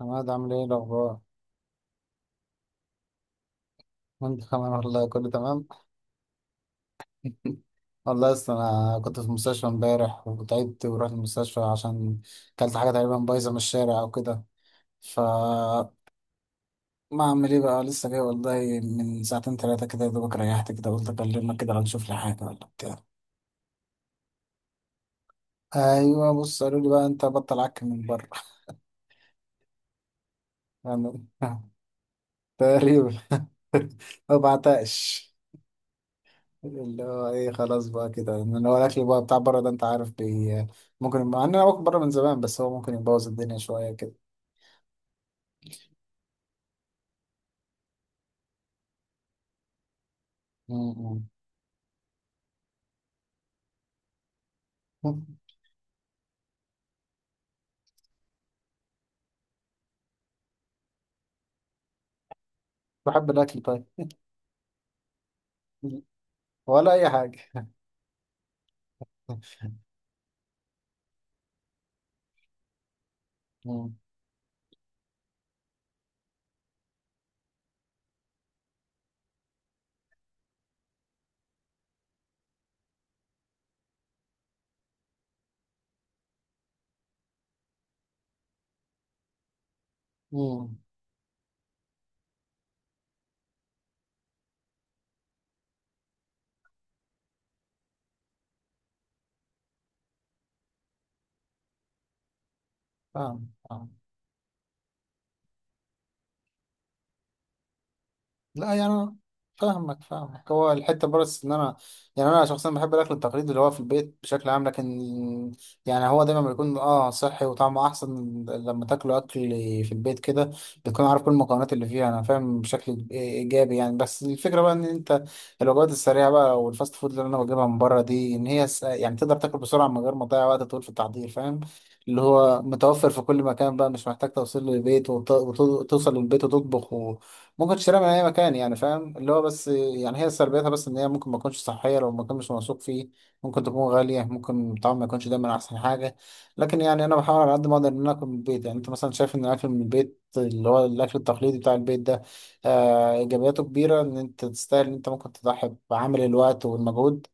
عماد، عامل ايه الاخبار؟ وانت كمان، والله كله تمام. والله، اصل انا كنت في المستشفى امبارح وتعبت ورحت المستشفى عشان كلت حاجه تقريبا بايظه من الشارع او كده. ف ما اعمل ايه بقى، لسه جاي والله من ساعتين ثلاثه كده، يا دوبك ريحت كده، قلت اكلمك كده لو نشوف لي حاجه ولا بتاع. ايوه، بص، قالوا لي بقى انت بطل عك من بره. يعني تقريبا. ما بعتقش. اللي هو ايه، خلاص بقى كده، ان هو الاكل بقى بتاع بره ده انت عارف بي، ممكن، مع ان انا باكل بره من زمان، بس هو ممكن يبوظ الدنيا شويه كده. م- م. بحب الاكل، طيب. ولا اي حاجه. م- م. فاهم فاهم. لا يعني أنا فاهمك فاهمك. هو الحته بس ان انا، يعني انا شخصيا بحب الاكل التقليدي اللي هو في البيت بشكل عام. لكن يعني هو دايما بيكون اه صحي وطعمه احسن لما تاكله، اكل في البيت كده بتكون عارف كل المكونات اللي فيها، انا فاهم، بشكل ايجابي يعني. بس الفكره بقى ان انت الوجبات السريعه بقى والفاست فود اللي انا بجيبها من بره دي، ان هي يعني تقدر تاكل بسرعه من غير ما تضيع وقت طويل في التحضير، فاهم، اللي هو متوفر في كل مكان بقى، مش محتاج توصيل للبيت وتوصل للبيت وتطبخ. ممكن تشتريها من اي مكان، يعني فاهم، اللي هو بس يعني هي سلبيتها بس ان هي ممكن ما تكونش صحيه لو المكان مش موثوق فيه. ممكن تكون غاليه، ممكن الطعم ما يكونش دايما احسن حاجه. لكن يعني انا بحاول على قد ما اقدر ان أنا اكل من البيت. يعني انت مثلا شايف ان الاكل من البيت اللي هو الاكل التقليدي بتاع البيت ده آه ايجابياته كبيره، ان انت تستاهل ان انت ممكن تضحي بعمل الوقت والمجهود.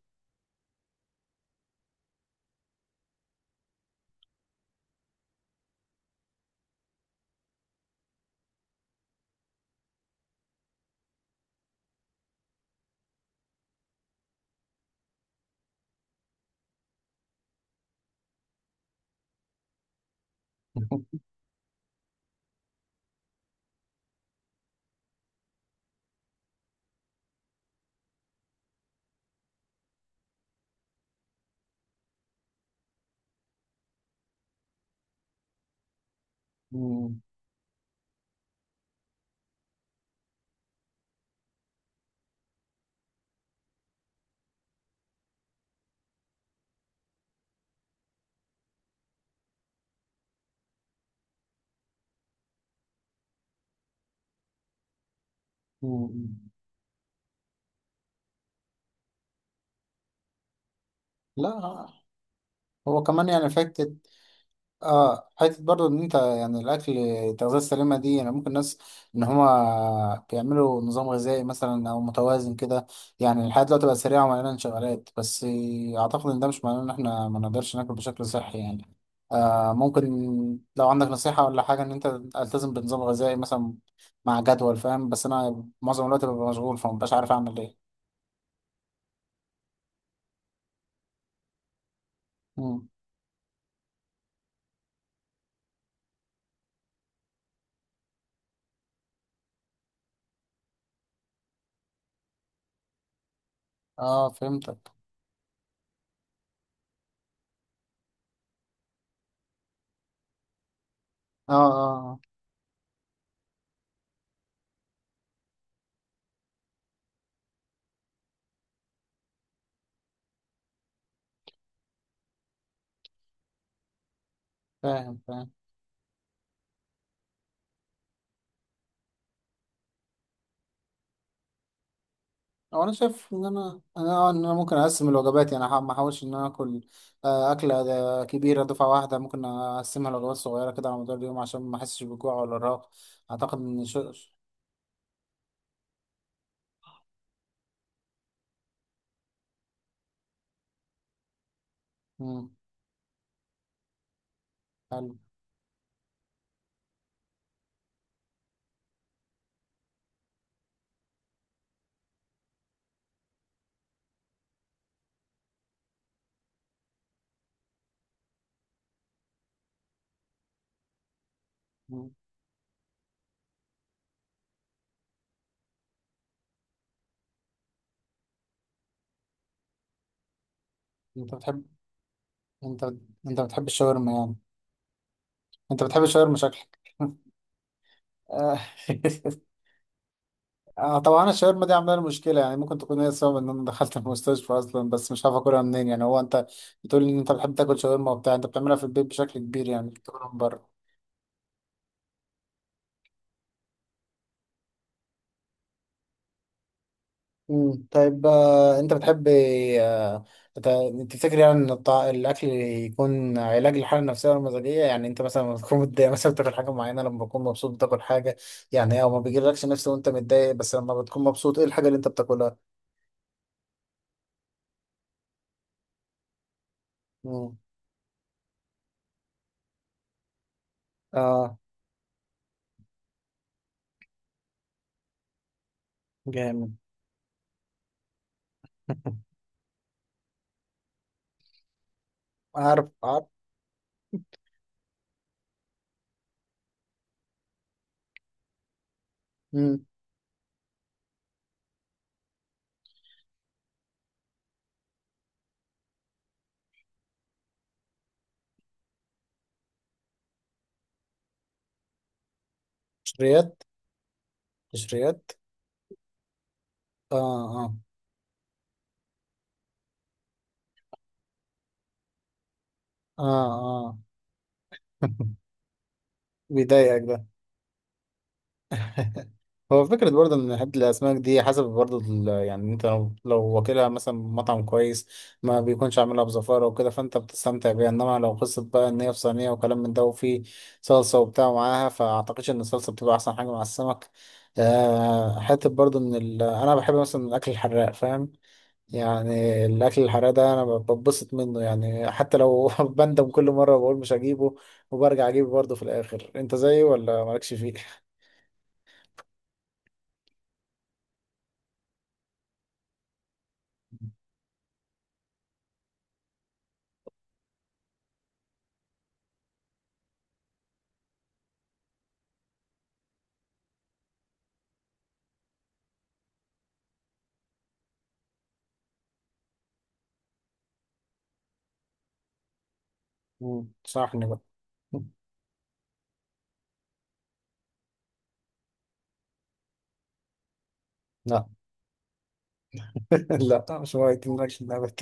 م- م- م- لا، هو كمان يعني فكرة، اه حته برضو ان انت يعني الاكل، التغذيه السليمه دي، يعني ممكن ناس ان هما بيعملوا نظام غذائي مثلا او متوازن كده. يعني الحياه دلوقتي بقت سريعه ومليانه انشغالات، بس اعتقد ان ده مش معناه ان احنا ما نقدرش ناكل بشكل صحي يعني. آه ممكن لو عندك نصيحه ولا حاجه ان انت التزم بنظام غذائي مثلا، مع جدول، فاهم؟ بس انا معظم الوقت ببقى مشغول فمبقاش عارف اعمل ايه. مم. اه، فهمتك. اه اه، فاهم فاهم. هو انا شايف ان انا، ان انا ممكن اقسم الوجبات. يعني ما احاولش ان انا اكل اكله ده كبيره دفعه واحده، ممكن اقسمها لوجبات صغيره كده على مدار اليوم عشان ما احسش بالجوع ولا الرهق. اعتقد ان شو. مم. حلو. مم. انت بتحب، انت انت بتحب الشاورما يعني؟ انت بتحب الشاورما شكلك. آه. طبعا الشاورما دي عامله لي مشكله. يعني ممكن تكون هي السبب ان انا دخلت المستشفى اصلا، بس مش عارف اكلها منين. يعني هو انت بتقول ان انت بتحب تاكل شاورما وبتاع، انت بتعملها في البيت بشكل كبير يعني، بتاكلها من بره. مم. طيب، انت بتحب، آه، تفتكر يعني ان الاكل يكون علاج للحاله النفسيه والمزاجيه؟ يعني انت مثلا لما تكون متضايق مثلا بتاكل حاجه معينه، لما بتكون مبسوط بتاكل حاجه. يعني او ما بيجيلكش نفس وانت متضايق، بس لما بتكون مبسوط ايه الحاجه اللي انت بتاكلها؟ مم. اه. جامد. عارف عارف. مم. قشريات قشريات. اه اه. اه اه. بيضايقك ده. هو فكرة برضه إن حتة الأسماك دي حسب برضه يعني، أنت لو واكلها مثلا من مطعم كويس ما بيكونش عاملها بزفارة وكده فأنت بتستمتع بيها. إنما لو قصة بقى إن هي في صينية وكلام من ده، وفي صلصة وبتاع معاها، فأعتقدش إن الصلصة بتبقى أحسن حاجة مع السمك. حتة برضه إن أنا بحب مثلا الأكل الحراق، فاهم؟ يعني الأكل الحراق ده أنا ببسط منه، يعني حتى لو بندم كل مرة بقول مش هجيبه، وبرجع أجيبه برضه في الآخر. أنت زيي ولا مالكش فيه؟ مم. صح بقى. لا. لا، مش هو يتم لك اللعبة.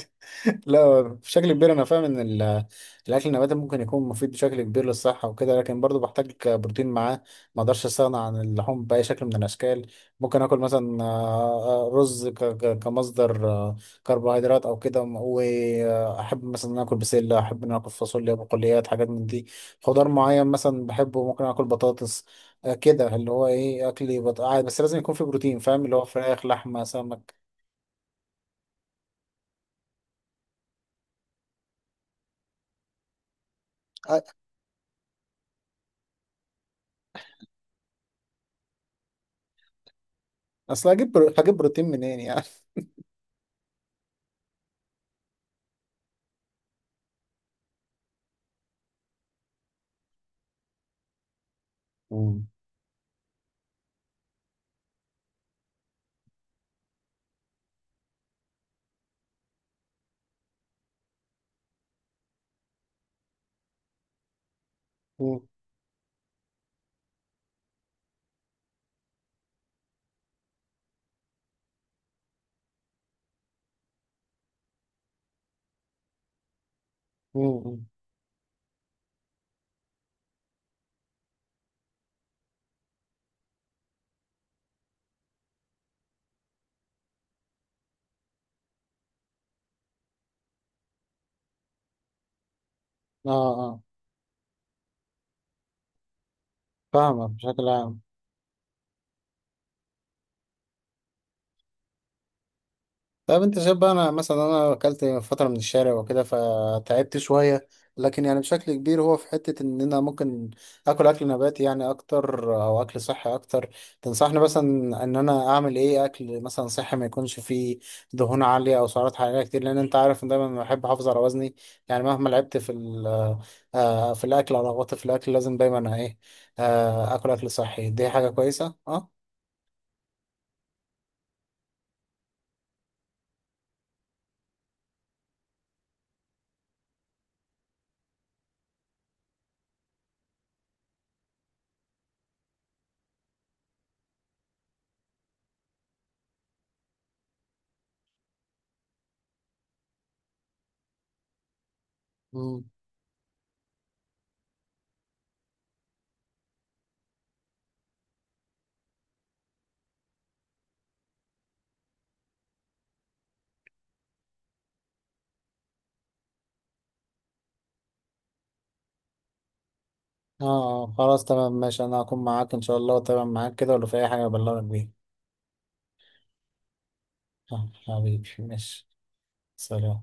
لا، بشكل كبير انا فاهم ان الاكل النباتي ممكن يكون مفيد بشكل كبير للصحه وكده، لكن برضو بحتاج بروتين معاه. ما اقدرش استغنى عن اللحوم باي شكل من الاشكال. ممكن اكل مثلا رز كمصدر كربوهيدرات او كده، واحب مثلا ان أنا اكل بسله، احب ان أنا اكل فاصوليا، بقوليات، حاجات من دي. خضار معين مثلا بحبه، ممكن اكل بطاطس، كده اللي هو ايه، اكلي عادي. بس لازم يكون في بروتين، فاهم، اللي هو فراخ لحمه سمك. آه، اصل هجيب هجيب بروتين منين يعني. مم. مم. مم. اه اه. فاهمك بشكل عام. طيب انت شايف بقى، انا مثلا انا اكلت فتره من الشارع وكده فتعبت شويه، لكن يعني بشكل كبير هو في حته ان انا ممكن اكل، اكل نباتي يعني اكتر، او اكل صحي اكتر. تنصحني مثلا ان انا اعمل ايه؟ اكل مثلا صحي ما يكونش فيه دهون عاليه او سعرات حراريه كتير، لان انت عارف ان دايما بحب احافظ على وزني. يعني مهما لعبت في في الاكل او رغبت في الاكل لازم دايما ايه، اكل اكل صحي دي حاجه كويسه. اه اه، خلاص تمام ماشي. انا هكون معاك ان شاء الله، وتمام معاك كده، ولو في اي حاجة ابلغك بيها. حبيبي، ماشي. سلام.